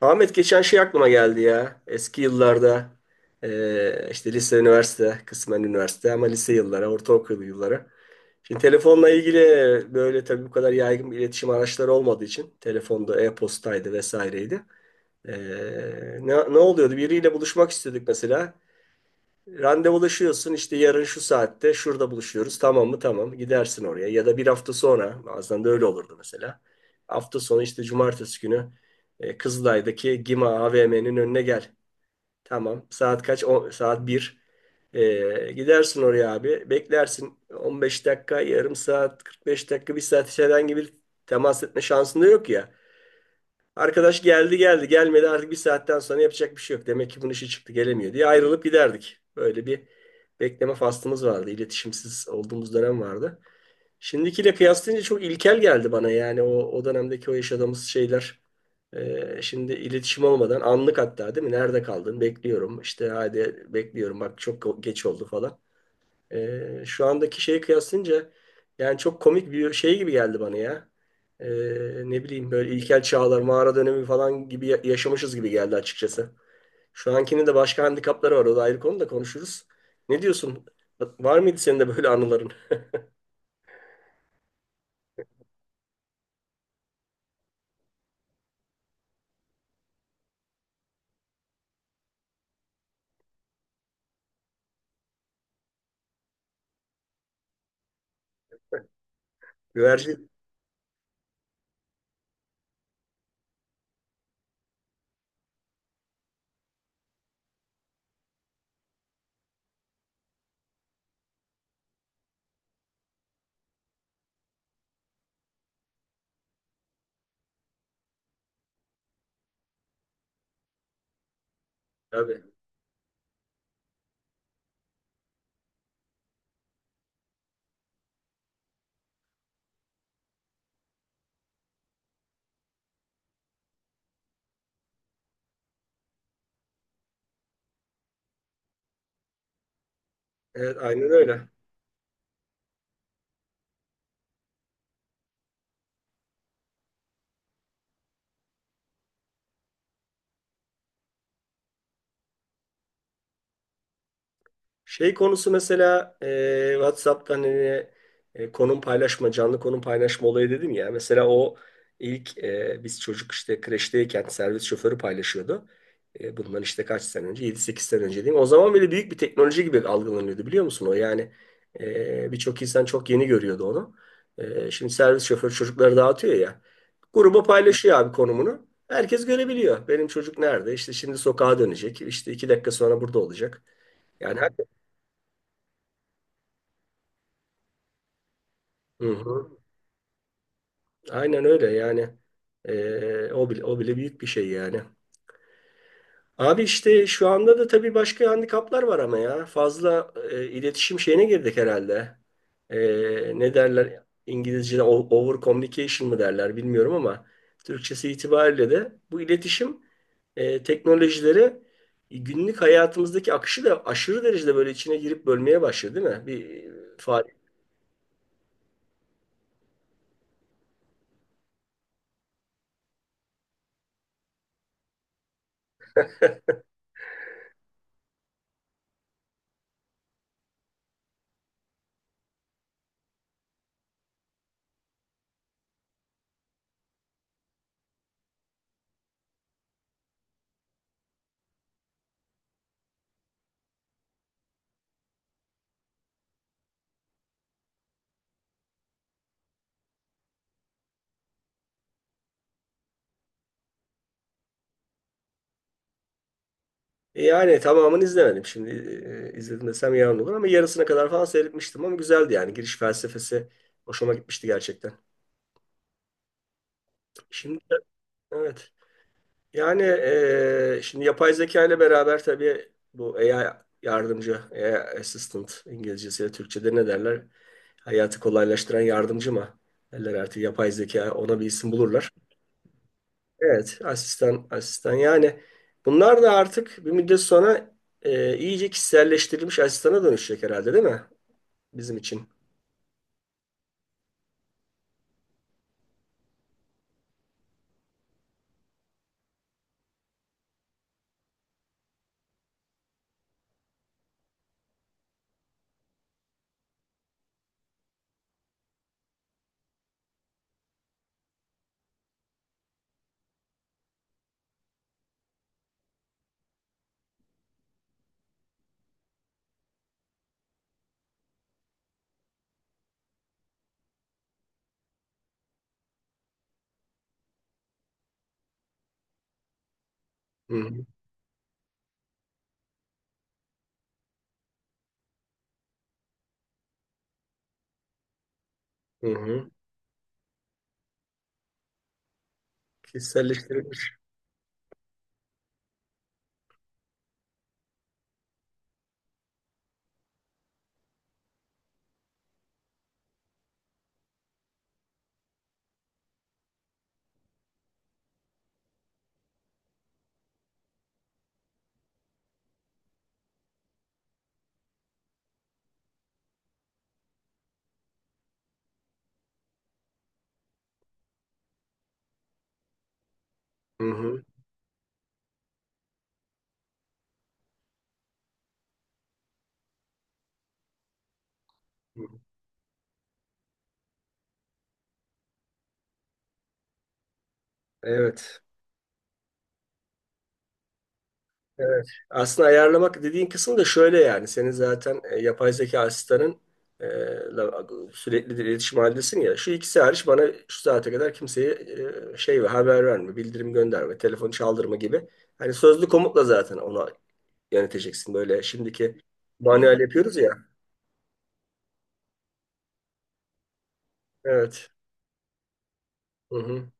Ahmet geçen şey aklıma geldi ya. Eski yıllarda işte lise, üniversite, kısmen üniversite ama lise yılları, ortaokul yılları. Şimdi telefonla ilgili böyle tabii bu kadar yaygın bir iletişim araçları olmadığı için telefonda e-postaydı vesaireydi. Eee, ne oluyordu? Biriyle buluşmak istedik mesela. Randevulaşıyorsun işte yarın şu saatte şurada buluşuyoruz, tamam mı? Tamam, gidersin oraya ya da bir hafta sonra, bazen de öyle olurdu mesela. Hafta sonu işte cumartesi günü Kızılay'daki Gima AVM'nin önüne gel. Tamam, saat kaç? O, saat bir. Gidersin oraya abi, beklersin 15 dakika, yarım saat, 45 dakika, bir saat, içeriden gibi temas etme şansın da yok ya. Arkadaş geldi geldi gelmedi, artık bir saatten sonra yapacak bir şey yok. Demek ki bunun işi çıktı, gelemiyor diye ayrılıp giderdik. Böyle bir bekleme faslımız vardı. İletişimsiz olduğumuz dönem vardı. Şimdikiyle kıyaslayınca çok ilkel geldi bana yani o dönemdeki o yaşadığımız şeyler. Şimdi iletişim olmadan anlık hatta değil mi? Nerede kaldın? Bekliyorum. İşte hadi bekliyorum. Bak çok geç oldu falan. Şu andaki şeye kıyaslayınca yani çok komik bir şey gibi geldi bana ya. Ee, Ne bileyim böyle ilkel çağlar, mağara dönemi falan gibi yaşamışız gibi geldi açıkçası. Şu ankinin de başka handikapları var. O da ayrı konu, da konuşuruz. Ne diyorsun? Var mıydı senin de böyle anıların? Güvercin abi. Evet, aynen öyle. Şey konusu mesela WhatsApp'tan hani, konum paylaşma, canlı konum paylaşma olayı dedim ya. Mesela o ilk biz çocuk işte kreşteyken servis şoförü paylaşıyordu. Bundan işte kaç sene önce? 7 8 sene önce diyeyim. O zaman bile büyük bir teknoloji gibi algılanıyordu, biliyor musun o? Yani birçok insan çok yeni görüyordu onu. Şimdi servis şoförü çocukları dağıtıyor ya. Gruba paylaşıyor abi konumunu. Herkes görebiliyor. Benim çocuk nerede? İşte şimdi sokağa dönecek. İşte 2 dakika sonra burada olacak. Yani. Hı hı. Aynen öyle yani. O bile, o bile büyük bir şey yani. Abi işte şu anda da tabii başka handikaplar var ama ya. Fazla iletişim şeyine girdik herhalde. Ee, Ne derler İngilizce'de over communication mı derler bilmiyorum ama Türkçesi itibariyle de bu iletişim teknolojileri günlük hayatımızdaki akışı da aşırı derecede böyle içine girip bölmeye başladı değil mi? Fa- Yani tamamını izlemedim. Şimdi izledim desem yalan olur ama yarısına kadar falan seyretmiştim, ama güzeldi yani. Giriş felsefesi hoşuma gitmişti gerçekten. Şimdi evet. Yani şimdi yapay zeka ile beraber tabii bu AI yardımcı, AI assistant İngilizcesiyle Türkçe'de ne derler? Hayatı kolaylaştıran yardımcı mı? Derler, artık yapay zeka ona bir isim bulurlar. Evet, asistan, asistan yani. Bunlar da artık bir müddet sonra iyice kişiselleştirilmiş asistana dönüşecek herhalde değil mi? Bizim için. Hı hı. Hı hı. Kişiselleştirilmiş. Hı hı. Hı. Evet. Evet. Aslında ayarlamak dediğin kısım da şöyle yani. Senin zaten yapay zeka asistanın, e, la- sürekli de iletişim halindesin ya. Şu ikisi hariç bana şu saate kadar kimseye şey ve haber verme, bildirim gönderme, telefon çaldırma gibi. Hani sözlü komutla zaten onu yöneteceksin. Böyle şimdiki manuel yapıyoruz ya. Evet. Hı hı.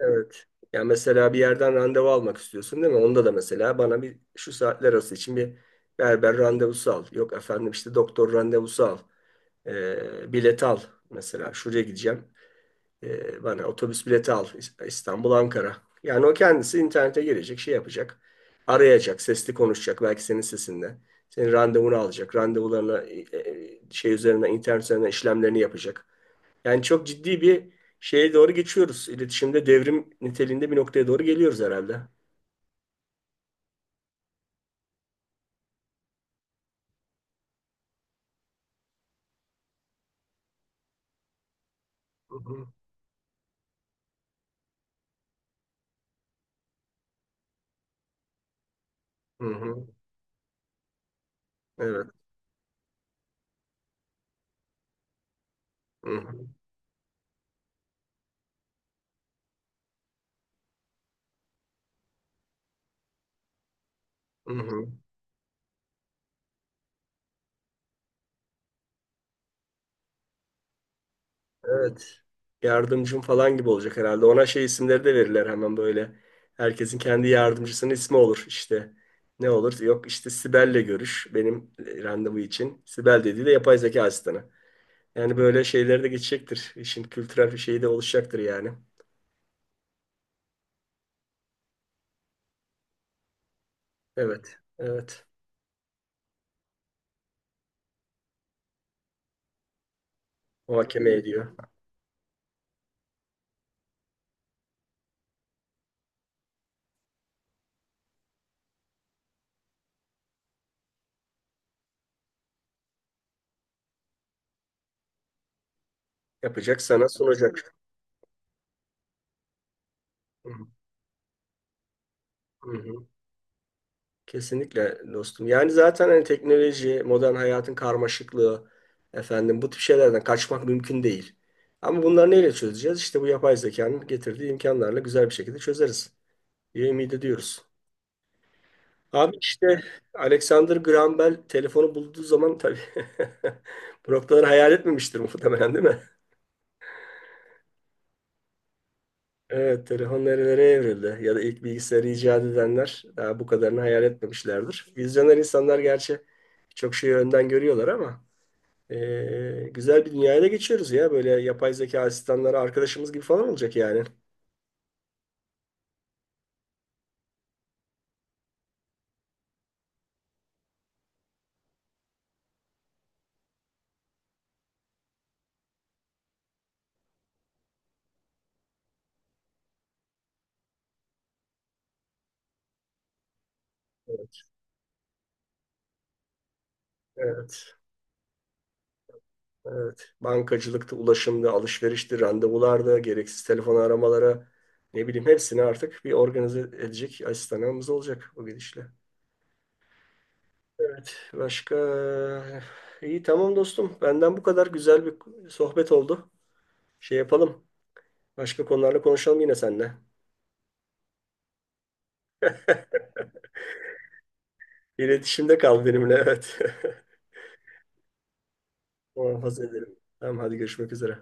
Evet. Yani mesela bir yerden randevu almak istiyorsun değil mi? Onda da mesela bana bir şu saatler arası için bir berber randevusu al. Yok efendim işte doktor randevusu al. Bilet al mesela. Şuraya gideceğim. Bana otobüs bileti al. İstanbul, Ankara. Yani o kendisi internete girecek, şey yapacak. Arayacak, sesli konuşacak belki senin sesinde. Senin randevunu alacak. Randevularına şey üzerine, internet üzerinden işlemlerini yapacak. Yani çok ciddi bir şeye doğru geçiyoruz. İletişimde devrim niteliğinde bir noktaya doğru geliyoruz herhalde. Hı hı. Hı hı. Evet. Hı hı. Hı hı. Evet. Yardımcım falan gibi olacak herhalde. Ona şey isimleri de verirler hemen böyle. Herkesin kendi yardımcısının ismi olur işte. Ne olur? Yok işte Sibel'le görüş benim randevu için. Sibel dediği de yapay zeka asistanı. Yani böyle şeyler de geçecektir. İşin kültürel bir şeyi de oluşacaktır yani. Evet. Evet. Muhakeme ediyor. Yapacak, sana sunacak. Hı hı. Hı. Kesinlikle dostum. Yani zaten hani teknoloji, modern hayatın karmaşıklığı, efendim bu tip şeylerden kaçmak mümkün değil. Ama bunları neyle çözeceğiz? İşte bu yapay zekanın getirdiği imkanlarla güzel bir şekilde çözeriz diye ümit ediyoruz. Abi işte Alexander Graham Bell telefonu bulduğu zaman tabii bu noktaları hayal etmemiştir muhtemelen değil mi? Evet, telefon nerelere evrildi ya da ilk bilgisayarı icat edenler daha bu kadarını hayal etmemişlerdir. Vizyoner insanlar gerçi çok şeyi önden görüyorlar ama güzel bir dünyaya da geçiyoruz ya. Böyle yapay zeka asistanları arkadaşımız gibi falan olacak yani. Evet, evet, evet. Bankacılıkta, ulaşımda, alışverişti, randevularda, gereksiz telefon aramalara ne bileyim hepsini artık bir organize edecek asistanımız olacak o gidişle. Evet. Başka iyi tamam dostum. Benden bu kadar, güzel bir sohbet oldu. Şey yapalım. Başka konularla konuşalım yine seninle. İletişimde kal benimle. Evet. Muhafaza ederim. Tamam hadi, görüşmek üzere.